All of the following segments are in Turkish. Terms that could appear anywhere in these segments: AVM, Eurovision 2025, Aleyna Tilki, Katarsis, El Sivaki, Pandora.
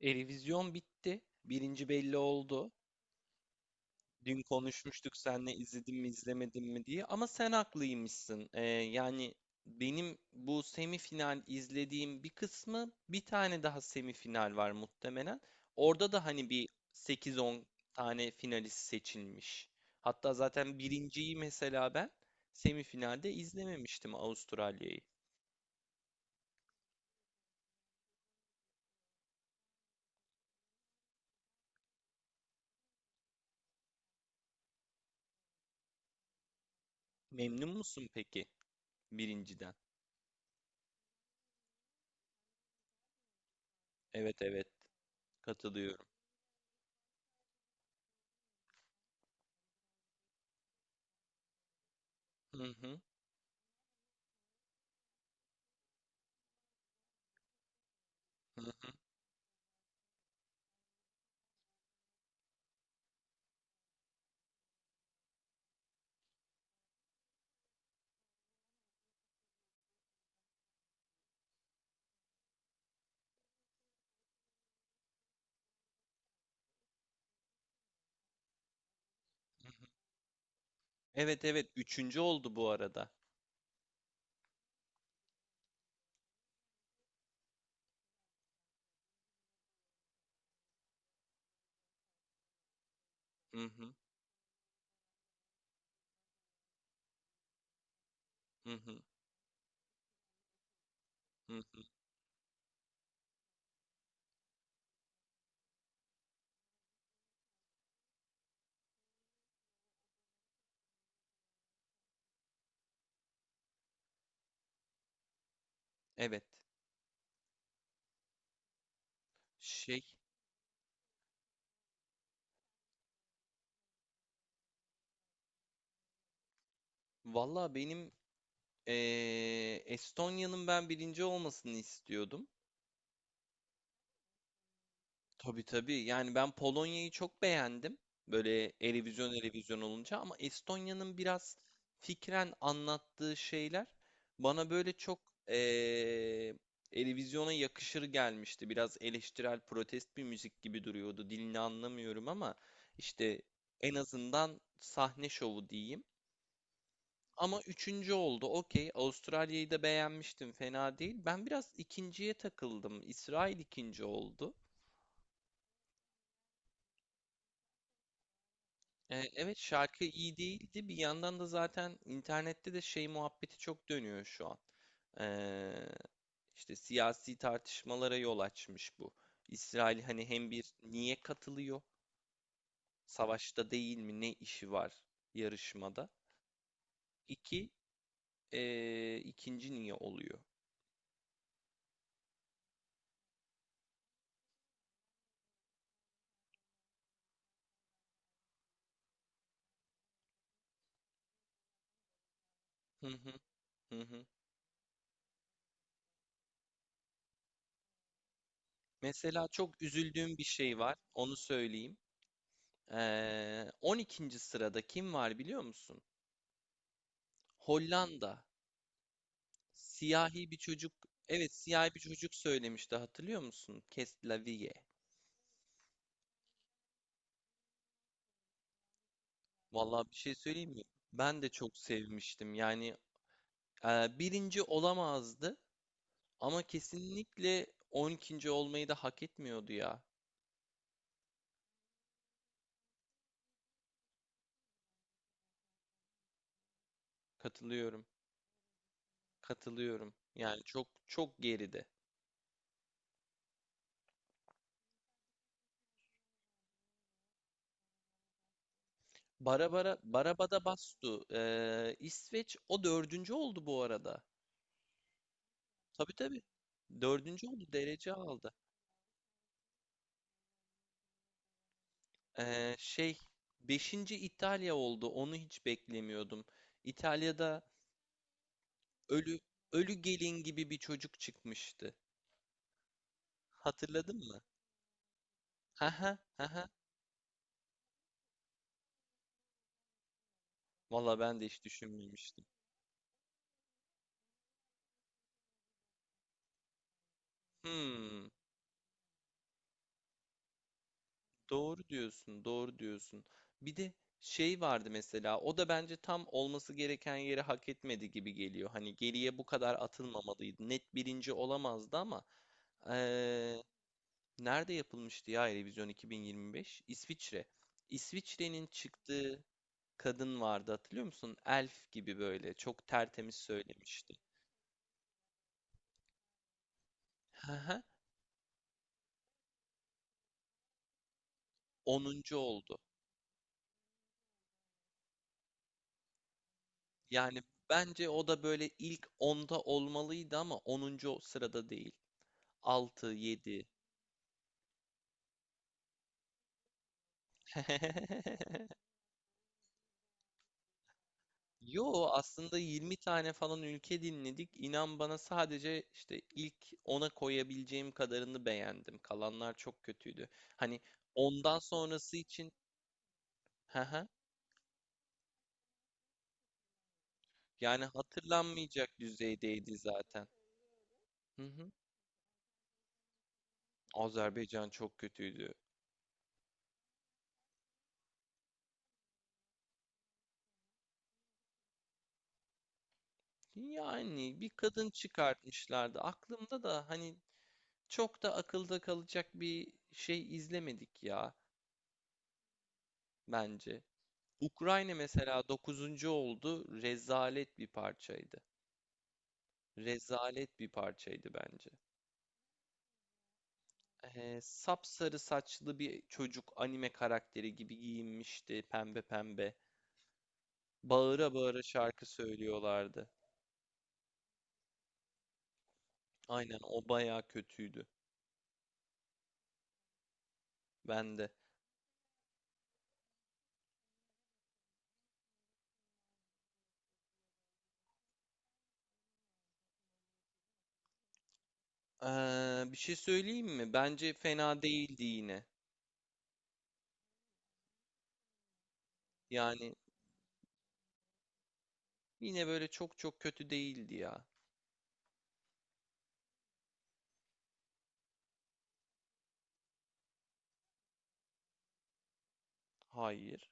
Revizyon bitti. Birinci belli oldu. Dün konuşmuştuk seninle izledim mi izlemedim mi diye. Ama sen haklıymışsın. Yani benim bu semifinal izlediğim bir kısmı, bir tane daha semifinal var muhtemelen. Orada da hani bir sekiz on tane finalist seçilmiş. Hatta zaten birinciyi mesela ben semifinalde izlememiştim, Avustralya'yı. Memnun musun peki birinciden? Evet, evet, katılıyorum. Hı hı, hı hı. Evet, evet, üçüncü oldu bu arada. Hı hı, hı hı, hı hı. Evet. Şey, valla benim Estonya'nın ben birinci olmasını istiyordum. Tabii, tabii. Yani ben Polonya'yı çok beğendim. Böyle televizyon televizyon olunca, ama Estonya'nın biraz fikren anlattığı şeyler bana böyle çok eee televizyona yakışır gelmişti. Biraz eleştirel, protest bir müzik gibi duruyordu. Dilini anlamıyorum, ama işte en azından sahne şovu diyeyim. Ama üçüncü oldu. Okey. Avustralya'yı da beğenmiştim. Fena değil. Ben biraz ikinciye takıldım. İsrail ikinci oldu. Evet, şarkı iyi değildi. Bir yandan da zaten internette de şey muhabbeti çok dönüyor şu an. Ee, işte siyasi tartışmalara yol açmış bu. İsrail hani hem bir, niye katılıyor? Savaşta değil mi? Ne işi var yarışmada? İki, ikinci niye oluyor? Hı hı, hı hı. Mesela çok üzüldüğüm bir şey var. Onu söyleyeyim. 12. sırada kim var biliyor musun? Hollanda. Siyahi bir çocuk, evet, siyahi bir çocuk söylemişti, hatırlıyor musun? Vallahi bir şey söyleyeyim mi? Ben de çok sevmiştim. Yani birinci olamazdı ama kesinlikle 12. olmayı da hak etmiyordu ya. Katılıyorum. Katılıyorum. Yani çok çok geride. Barabara Barabada Bastu. İsveç o dördüncü oldu bu arada. Tabii, tabii. Dördüncü oldu, derece aldı. Ee, şey Beşinci İtalya oldu. Onu hiç beklemiyordum. İtalya'da ölü ölü gelin gibi bir çocuk çıkmıştı. Hatırladın mı? Haha, haha. Valla, ben de hiç düşünmemiştim. Hmm, doğru diyorsun, doğru diyorsun. Bir de şey vardı mesela. O da bence tam olması gereken yeri hak etmedi gibi geliyor. Hani geriye bu kadar atılmamalıydı. Net birinci olamazdı ama ee, nerede yapılmıştı ya Eurovision 2025? İsviçre. İsviçre'nin çıktığı kadın vardı, hatırlıyor musun? Elf gibi böyle çok tertemiz söylemişti. Hı hı. 10. oldu. Yani bence o da böyle ilk onda olmalıydı, ama 10. sırada değil. Altı, yedi. Yo, aslında 20 tane falan ülke dinledik. İnan bana, sadece işte ilk ona koyabileceğim kadarını beğendim. Kalanlar çok kötüydü. Hani ondan sonrası için. hı hı, Yani hatırlanmayacak düzeydeydi zaten. Hı hı. Azerbaycan çok kötüydü. Yani bir kadın çıkartmışlardı. Aklımda da hani çok da akılda kalacak bir şey izlemedik ya bence. Ukrayna mesela 9. oldu. Rezalet bir parçaydı. Rezalet bir parçaydı bence. Sapsarı saçlı bir çocuk, anime karakteri gibi giyinmişti pembe pembe. Bağıra bağıra şarkı söylüyorlardı. Aynen, o bayağı kötüydü. Ben de. Bir şey söyleyeyim mi? Bence fena değildi yine. Yani yine böyle çok çok kötü değildi ya. Hayır.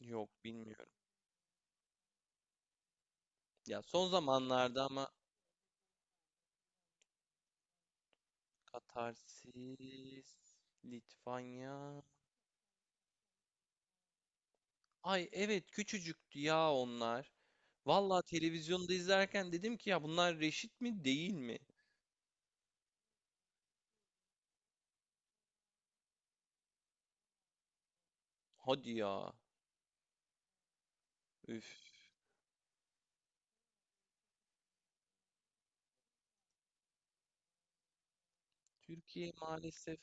Yok, bilmiyorum. Ya, son zamanlarda ama. Katarsis, Litvanya. Ay, evet, küçücüktü ya onlar. Vallahi televizyonda izlerken dedim ki ya bunlar reşit mi değil mi? Hadi ya. Üf. Türkiye maalesef.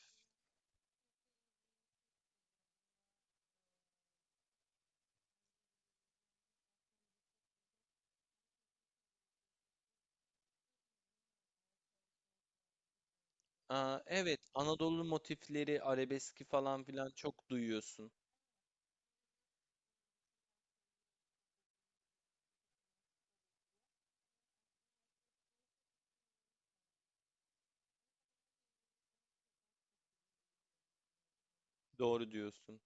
Aa, evet, Anadolu motifleri, arabeski falan filan çok duyuyorsun. Doğru diyorsun.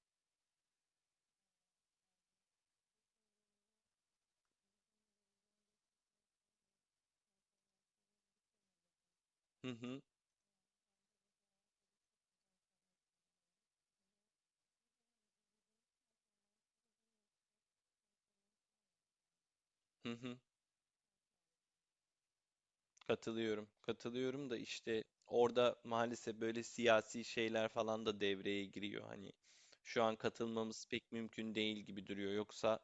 Hı hı, hı hı. Katılıyorum. Katılıyorum da işte orada maalesef böyle siyasi şeyler falan da devreye giriyor. Hani şu an katılmamız pek mümkün değil gibi duruyor. Yoksa.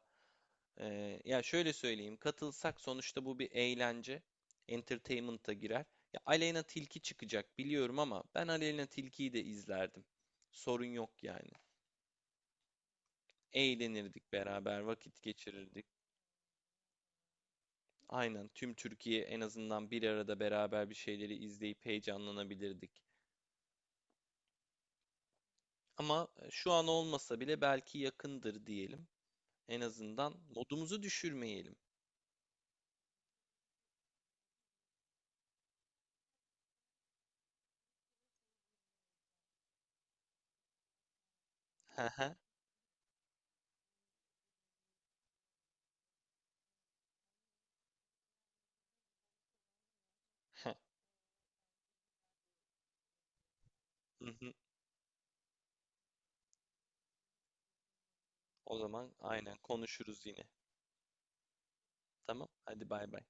Ya şöyle söyleyeyim. Katılsak, sonuçta bu bir eğlence. Entertainment'a girer. Ya, Aleyna Tilki çıkacak biliyorum ama ben Aleyna Tilki'yi de izlerdim. Sorun yok yani. Eğlenirdik beraber, vakit geçirirdik. Aynen, tüm Türkiye en azından bir arada beraber bir şeyleri izleyip heyecanlanabilirdik. Ama şu an olmasa bile belki yakındır diyelim. En azından modumuzu düşürmeyelim. Hı hı. O zaman aynen konuşuruz yine. Tamam, hadi, bay bay.